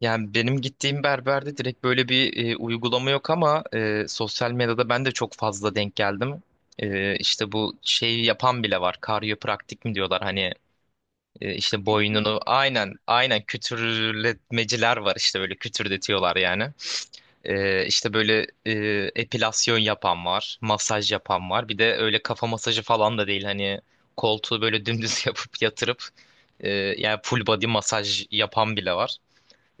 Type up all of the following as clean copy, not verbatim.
Yani benim gittiğim berberde direkt böyle bir uygulama yok ama sosyal medyada ben de çok fazla denk geldim. İşte bu şeyi yapan bile var. Karyopraktik mi diyorlar hani işte boynunu aynen kütürletmeciler var işte böyle kütürdetiyorlar yani. İşte böyle epilasyon yapan var, masaj yapan var. Bir de öyle kafa masajı falan da değil hani koltuğu böyle dümdüz yapıp yatırıp e, yani full body masaj yapan bile var.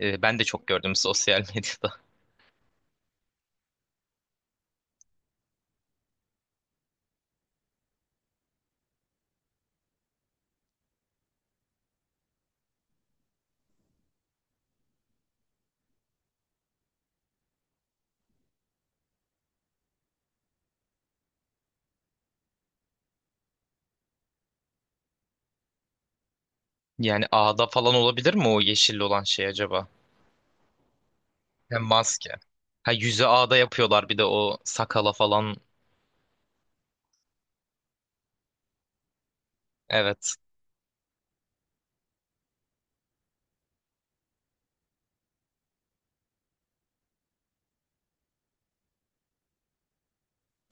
Ben de çok gördüm sosyal medyada. Yani ağda falan olabilir mi o yeşil olan şey acaba? Hem maske. Ha, yüzü ağda yapıyorlar bir de o sakala falan. Evet.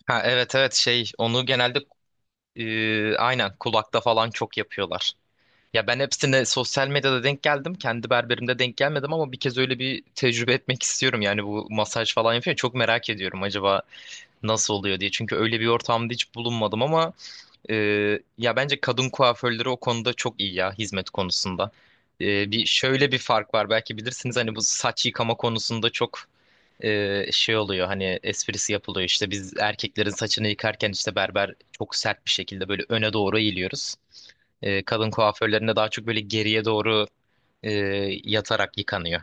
Ha, evet evet, şey onu genelde aynen kulakta falan çok yapıyorlar. Ya ben hepsine sosyal medyada denk geldim. Kendi berberimde denk gelmedim ama bir kez öyle bir tecrübe etmek istiyorum. Yani bu masaj falan yapıyor. Çok merak ediyorum acaba nasıl oluyor diye. Çünkü öyle bir ortamda hiç bulunmadım ama ya bence kadın kuaförleri o konuda çok iyi ya, hizmet konusunda. Bir şöyle bir fark var, belki bilirsiniz hani, bu saç yıkama konusunda çok şey oluyor, hani esprisi yapılıyor işte, biz erkeklerin saçını yıkarken işte berber çok sert bir şekilde böyle öne doğru eğiliyoruz. Kadın kuaförlerinde daha çok böyle geriye doğru e, yatarak yıkanıyor.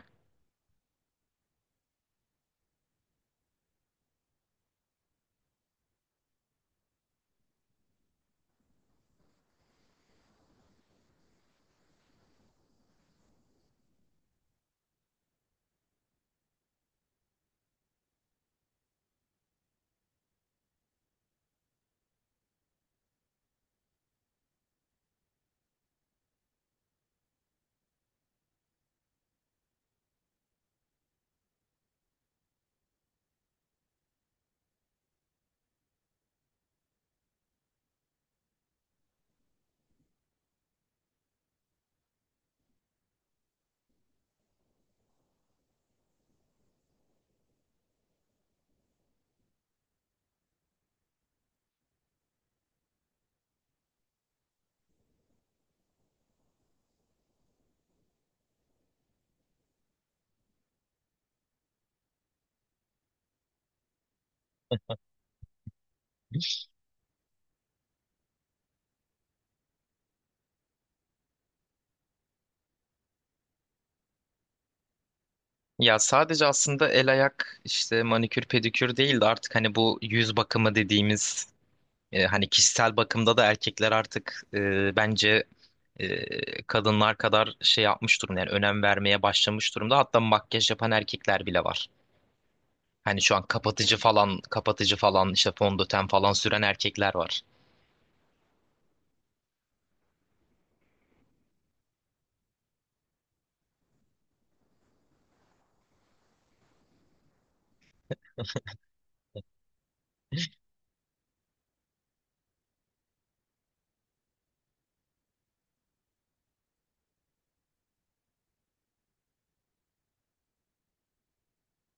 Ya sadece aslında el ayak işte manikür pedikür değil de, artık hani bu yüz bakımı dediğimiz... Hani kişisel bakımda da erkekler artık, bence kadınlar kadar şey yapmış durumda, yani önem vermeye başlamış durumda. Hatta makyaj yapan erkekler bile var. Hani şu an kapatıcı falan, kapatıcı falan, işte fondöten falan süren erkekler var.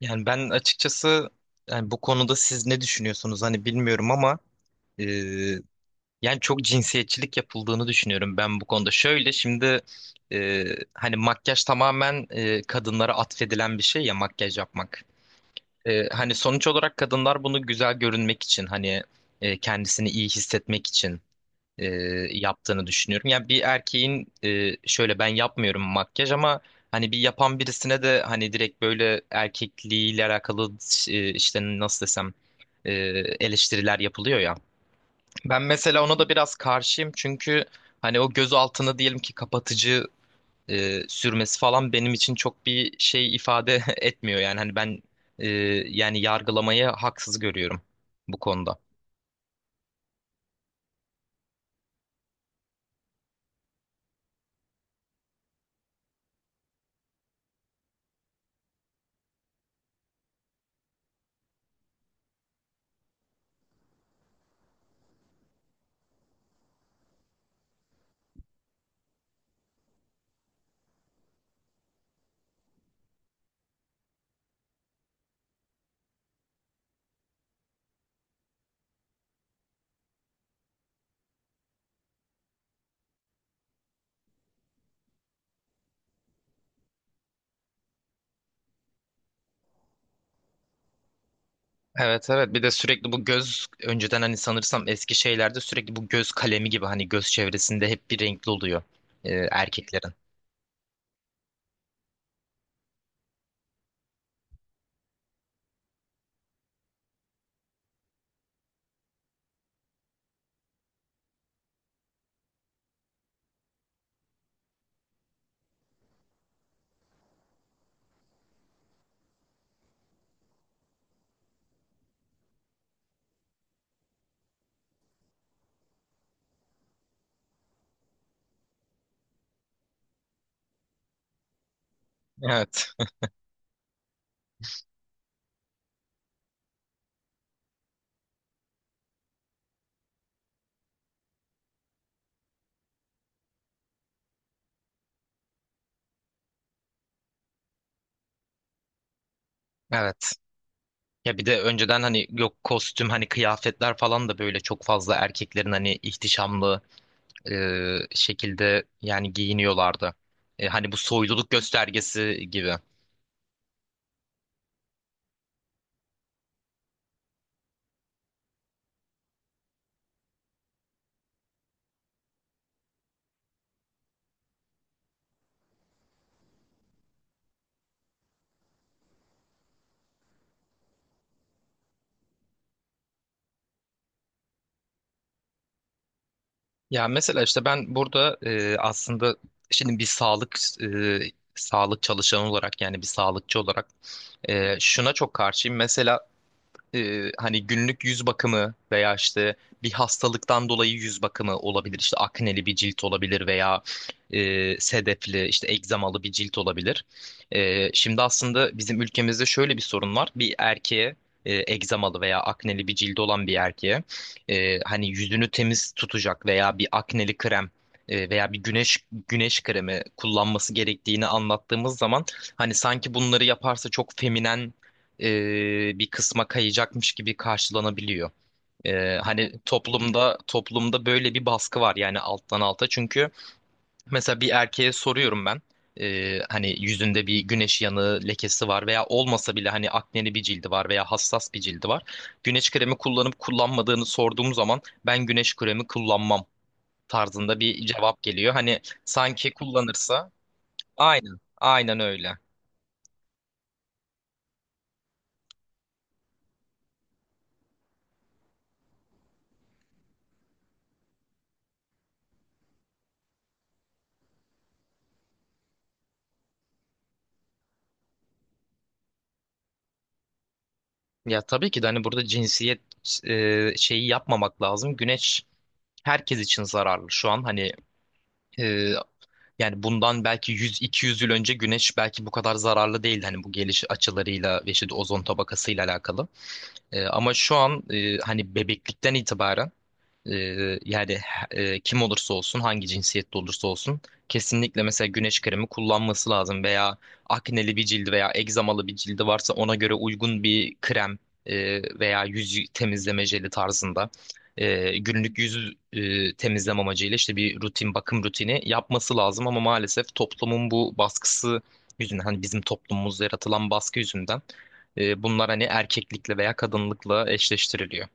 Yani ben açıkçası, yani bu konuda siz ne düşünüyorsunuz hani bilmiyorum ama e, yani çok cinsiyetçilik yapıldığını düşünüyorum ben bu konuda. Şöyle şimdi, e, hani makyaj tamamen kadınlara atfedilen bir şey ya, makyaj yapmak. Hani sonuç olarak kadınlar bunu güzel görünmek için hani, kendisini iyi hissetmek için e, yaptığını düşünüyorum. Yani bir erkeğin şöyle, ben yapmıyorum makyaj, ama hani bir yapan birisine de hani direkt böyle erkekliğiyle alakalı işte nasıl desem e, eleştiriler yapılıyor ya. Ben mesela ona da biraz karşıyım çünkü hani o göz altını diyelim ki kapatıcı sürmesi falan benim için çok bir şey ifade etmiyor yani, hani ben e, yani yargılamayı haksız görüyorum bu konuda. Evet evet, bir de sürekli bu göz, önceden hani sanırsam eski şeylerde sürekli bu göz kalemi gibi hani göz çevresinde hep bir renkli oluyor erkeklerin. Evet evet. Ya bir de önceden hani yok kostüm, hani kıyafetler falan da böyle çok fazla erkeklerin hani ihtişamlı e, şekilde yani giyiniyorlardı. Hani bu soyluluk göstergesi gibi. Ya mesela işte ben burada aslında şimdi bir sağlık, e, sağlık çalışanı olarak, yani bir sağlıkçı olarak şuna çok karşıyım. Mesela hani günlük yüz bakımı veya işte bir hastalıktan dolayı yüz bakımı olabilir. İşte akneli bir cilt olabilir veya sedefli işte egzamalı bir cilt olabilir. Şimdi aslında bizim ülkemizde şöyle bir sorun var. Bir erkeğe egzamalı veya akneli bir cildi olan bir erkeğe hani yüzünü temiz tutacak veya bir akneli krem veya bir güneş kremi kullanması gerektiğini anlattığımız zaman hani sanki bunları yaparsa çok feminen bir kısma kayacakmış gibi karşılanabiliyor. Hani toplumda böyle bir baskı var yani alttan alta. Çünkü mesela bir erkeğe soruyorum ben. Hani yüzünde bir güneş yanığı lekesi var veya olmasa bile hani akneli bir cildi var veya hassas bir cildi var. Güneş kremi kullanıp kullanmadığını sorduğum zaman, "Ben güneş kremi kullanmam" tarzında bir cevap geliyor. Hani sanki kullanırsa... aynen aynen öyle. Ya tabii ki de hani burada cinsiyet şeyi yapmamak lazım. Güneş herkes için zararlı şu an. Hani e, yani bundan belki 100-200 yıl önce güneş belki bu kadar zararlı değildi. Hani bu geliş açılarıyla ve işte ozon tabakasıyla alakalı. Ama şu an hani bebeklikten itibaren yani kim olursa olsun hangi cinsiyette olursa olsun kesinlikle mesela güneş kremi kullanması lazım, veya akneli bir cildi veya egzamalı bir cildi varsa ona göre uygun bir krem veya yüz temizleme jeli tarzında günlük yüz temizleme amacıyla işte bir rutin, bakım rutini yapması lazım. Ama maalesef toplumun bu baskısı yüzünden, hani bizim toplumumuzda yaratılan baskı yüzünden bunlar hani erkeklikle veya kadınlıkla eşleştiriliyor.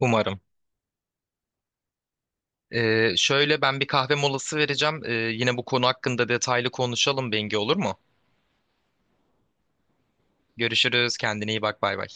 Umarım. Şöyle, ben bir kahve molası vereceğim. Yine bu konu hakkında detaylı konuşalım Bengi, olur mu? Görüşürüz. Kendine iyi bak. Bay bay.